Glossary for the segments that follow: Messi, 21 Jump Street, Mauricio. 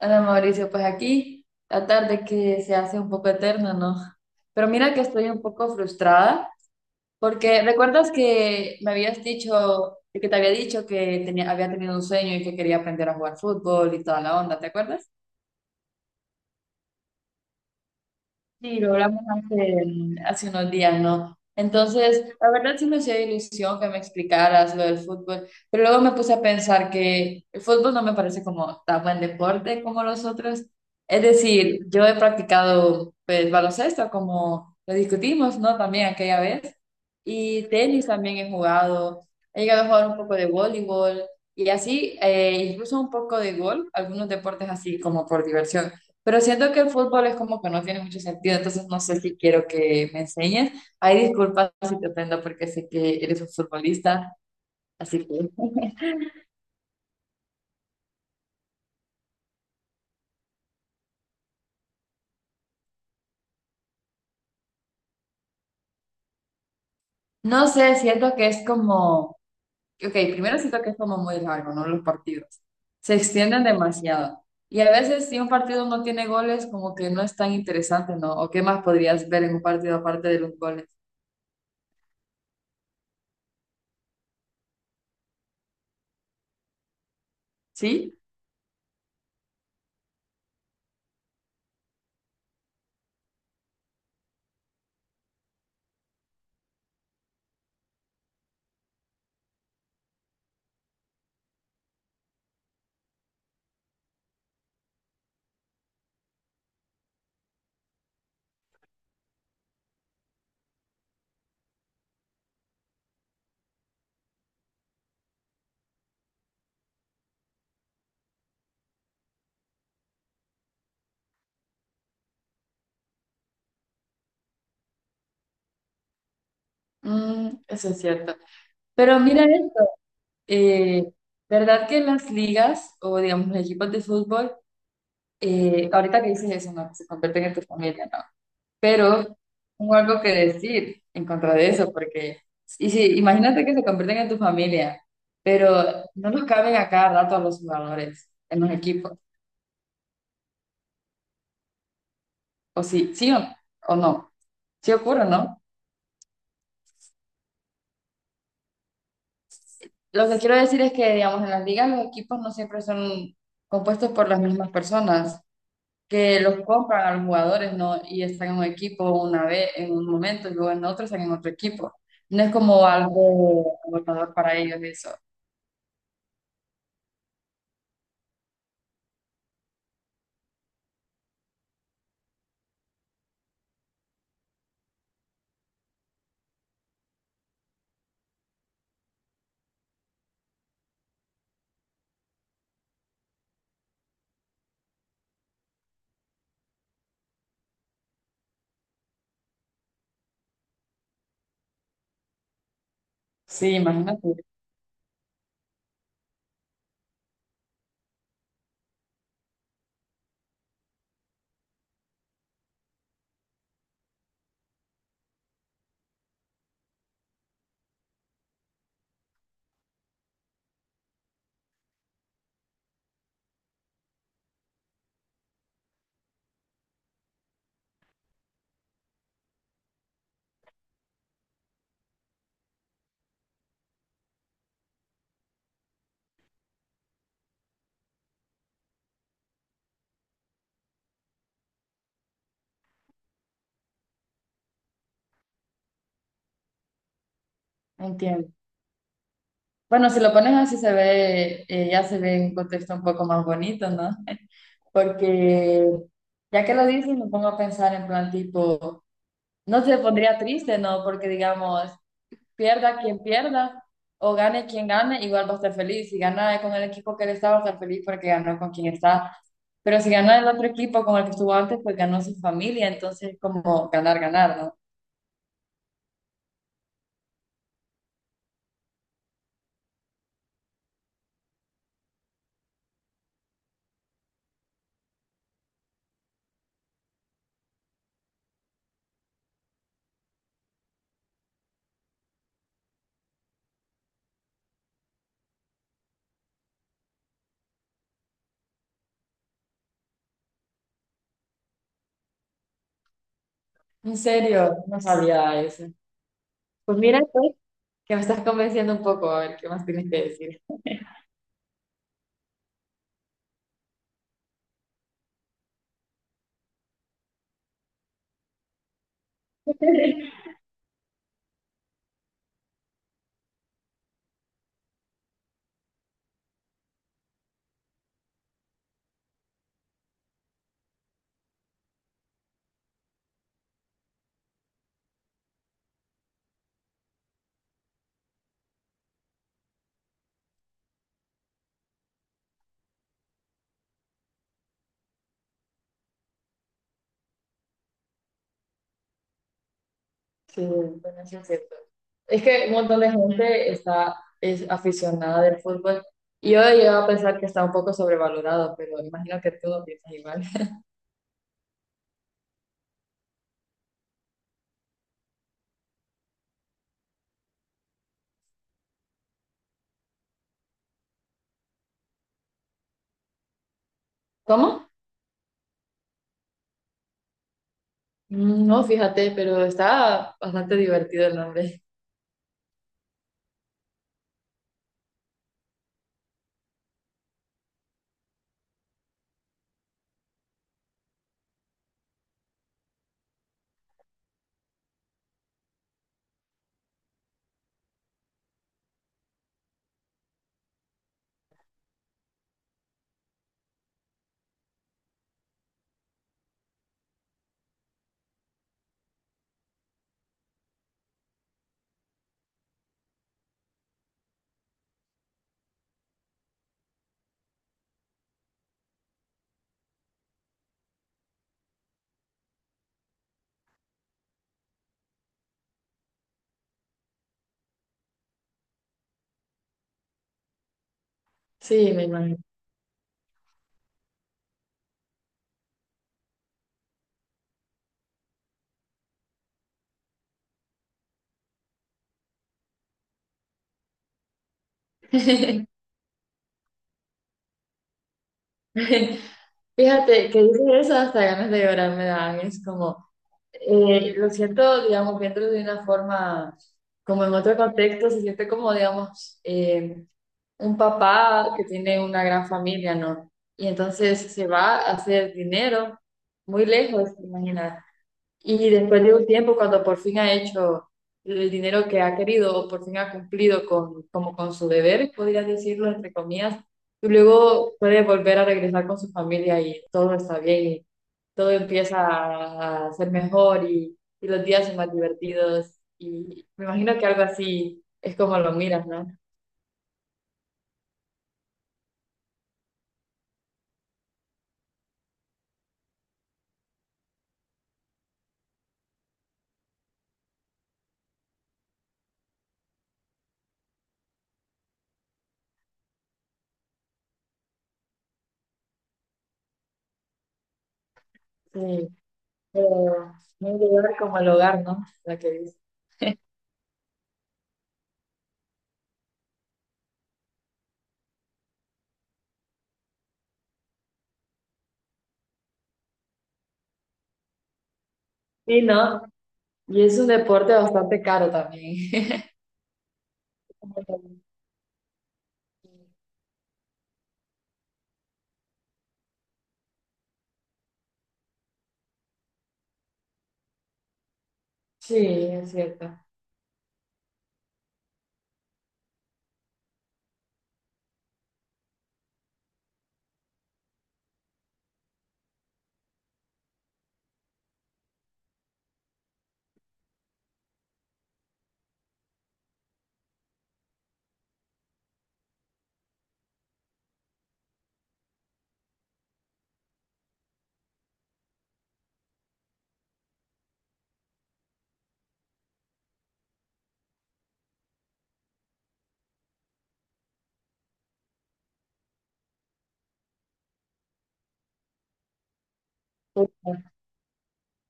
Hola Mauricio, pues aquí la tarde que se hace un poco eterna, ¿no? Pero mira que estoy un poco frustrada porque recuerdas que me habías dicho, que te había dicho que tenía, había tenido un sueño y que quería aprender a jugar fútbol y toda la onda, ¿te acuerdas? Sí, lo hablamos hace unos días, ¿no? Entonces, la verdad sí me hacía ilusión que me explicaras lo del fútbol, pero luego me puse a pensar que el fútbol no me parece como tan buen deporte como los otros. Es decir, yo he practicado pues baloncesto, como lo discutimos, ¿no? También aquella vez. Y tenis también he jugado. He llegado a jugar un poco de voleibol y así, incluso un poco de golf, algunos deportes así como por diversión. Pero siento que el fútbol es como que no tiene mucho sentido, entonces no sé si quiero que me enseñes. Ay, disculpas si te ofendo porque sé que eres un futbolista, así que no sé, siento que es como. Ok, primero siento que es como muy largo, ¿no? Los partidos. Se extienden demasiado. Y a veces si un partido no tiene goles, como que no es tan interesante, ¿no? ¿O qué más podrías ver en un partido aparte de los goles? ¿Sí? Mm, eso es cierto. Pero mira esto, eh, ¿verdad que en las ligas o digamos los equipos de fútbol, ahorita que dices eso, ¿no? Que se convierten en tu familia, ¿no? Pero tengo algo que decir en contra de eso, porque, y si, imagínate que se convierten en tu familia, pero no los caben a cada rato a los jugadores en los equipos, o sí, sí o no, sí ocurre, ¿no? Lo que quiero decir es que, digamos, en las ligas los equipos no siempre son compuestos por las mismas personas, que los compran a los jugadores, ¿no? Y están en un equipo una vez, en un momento, y luego en otro están en otro equipo. No es como algo agotador para ellos eso. Sí, imagínate. Entiendo. Bueno, si lo pones así se ve, ya se ve en un contexto un poco más bonito, ¿no? Porque ya que lo dices, me pongo a pensar en plan tipo, no se pondría triste, ¿no? Porque digamos, pierda quien pierda o gane quien gane, igual va a estar feliz. Si gana con el equipo que él está, va a estar feliz porque ganó con quien está. Pero si gana el otro equipo con el que estuvo antes, pues ganó su familia. Entonces, como ganar, ganar, ¿no? En serio, no sabía eso. Pues mira, que me estás convenciendo un poco, a ver qué más tienes que decir. Sí, bueno, sí es cierto. Es que un montón de gente está, es aficionada del fútbol. Y yo he llegado a pensar que está un poco sobrevalorado, pero imagino que tú no piensas igual. ¿Cómo? Mm, no, fíjate, pero está bastante divertido el nombre. Sí, me imagino. Fíjate que dices eso, hasta ganas de llorar me dan. Es como, lo siento, digamos, viéndolo de una forma, como en otro contexto, se siente como, digamos, un papá que tiene una gran familia, ¿no? Y entonces se va a hacer dinero muy lejos, imagina. Y después de un tiempo, cuando por fin ha hecho el dinero que ha querido o por fin ha cumplido con, como con su deber, podrías decirlo entre comillas, y luego puede volver a regresar con su familia y todo está bien, todo empieza a ser mejor y los días son más divertidos. Y me imagino que algo así es como lo miras, ¿no? Sí, pero no un lugar como el hogar, ¿no? La que dice. Sí, ¿no? Y es un deporte bastante caro también. Sí, es cierto.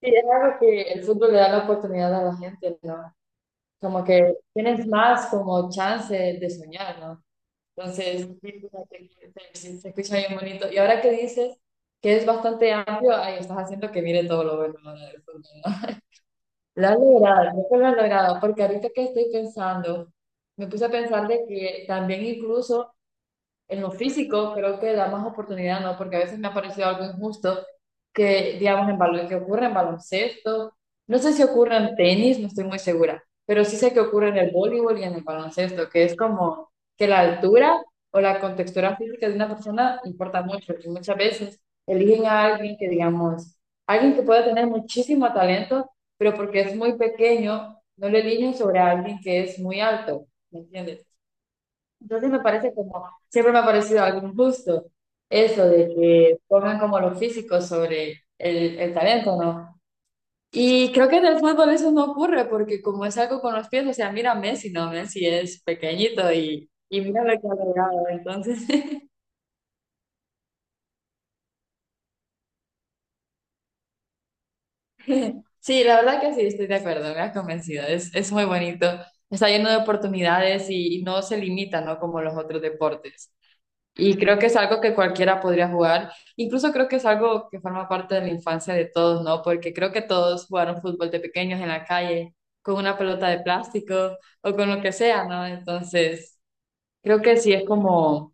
Sí, es algo que el fútbol le da la oportunidad a la gente, ¿no? Como que tienes más como chance de soñar, ¿no? Entonces, sí, fíjate que se escucha bien bonito. Y ahora que dices que es bastante amplio, ahí estás haciendo que mire todo lo bueno ahora del fondo, ¿no? Lo has logrado, creo que lo has logrado, porque ahorita que estoy pensando, me puse a pensar de que también incluso en lo físico creo que da más oportunidad, ¿no? Porque a veces me ha parecido algo injusto que, digamos, en balon- que ocurre en baloncesto. No sé si ocurre en tenis, no estoy muy segura, pero sí sé que ocurre en el voleibol y en el baloncesto, que es como que la altura o la contextura física de una persona importa mucho, porque muchas veces eligen a alguien que, digamos, alguien que pueda tener muchísimo talento, pero porque es muy pequeño, no le eligen sobre alguien que es muy alto, ¿me entiendes? Entonces me parece como, siempre me ha parecido algo injusto eso de que pongan como lo físico sobre el talento, ¿no? Y creo que en el fútbol eso no ocurre porque como es algo con los pies, o sea, mira a Messi, ¿no? Messi es pequeñito y mira lo que ha logrado. Entonces, sí, la verdad que sí, estoy de acuerdo, me ha convencido, es muy bonito, está lleno de oportunidades y no se limita, ¿no? Como los otros deportes. Y creo que es algo que cualquiera podría jugar. Incluso creo que es algo que forma parte de la infancia de todos, ¿no? Porque creo que todos jugaron fútbol de pequeños en la calle, con una pelota de plástico o con lo que sea, ¿no? Entonces, creo que sí es como,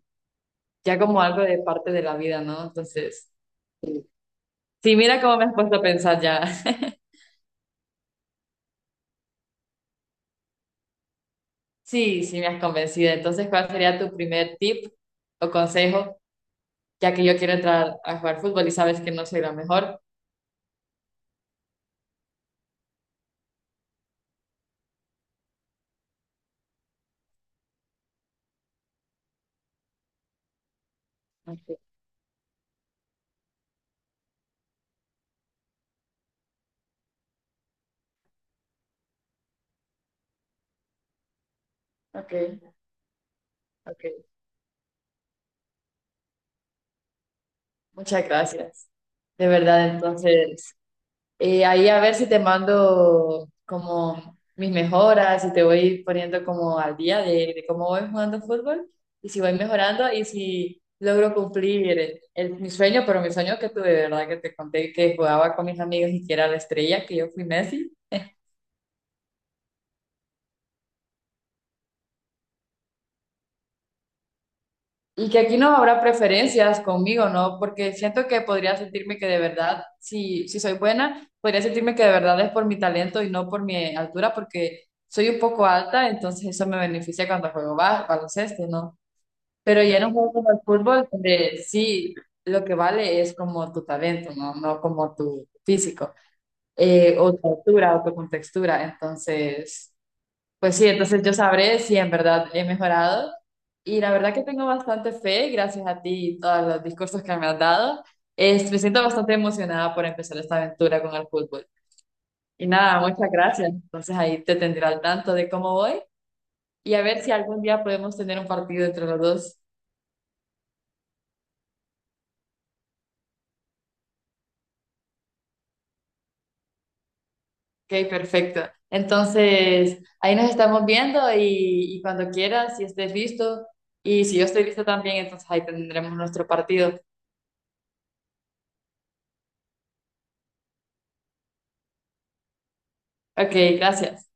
ya como algo de parte de la vida, ¿no? Entonces, sí, mira cómo me has puesto a pensar ya. Sí, sí, me has convencido. Entonces, ¿cuál sería tu primer tip o consejo, ya que yo quiero entrar a jugar fútbol y sabes que no soy la mejor? Okay, okay, ok. Muchas gracias. De verdad, entonces, ahí a ver si te mando como mis mejoras, si te voy poniendo como al día de cómo voy jugando fútbol y si voy mejorando y si logro cumplir el- mi sueño, pero mi sueño que tuve, de verdad, que te conté que jugaba con mis amigos y que era la estrella, que yo fui Messi. Y que aquí no habrá preferencias conmigo, ¿no? Porque siento que podría sentirme que de verdad, si, si soy buena, podría sentirme que de verdad es por mi talento y no por mi altura, porque soy un poco alta, entonces eso me beneficia cuando juego ba- baloncesto, ¿no? Pero ya en un juego como el fútbol, donde sí lo que vale es como tu talento, ¿no? No como tu físico, o tu altura, o tu contextura. Entonces. Pues sí, entonces yo sabré si en verdad he mejorado. Y la verdad que tengo bastante fe, gracias a ti y todos los discursos que me has dado. Es- me siento bastante emocionada por empezar esta aventura con el fútbol. Y nada, muchas gracias. Entonces ahí te tendré al tanto de cómo voy y a ver si algún día podemos tener un partido entre los dos. Ok, perfecto. Entonces ahí nos estamos viendo y cuando quieras, si estés listo y si yo estoy lista también, entonces ahí tendremos nuestro partido. Ok, gracias.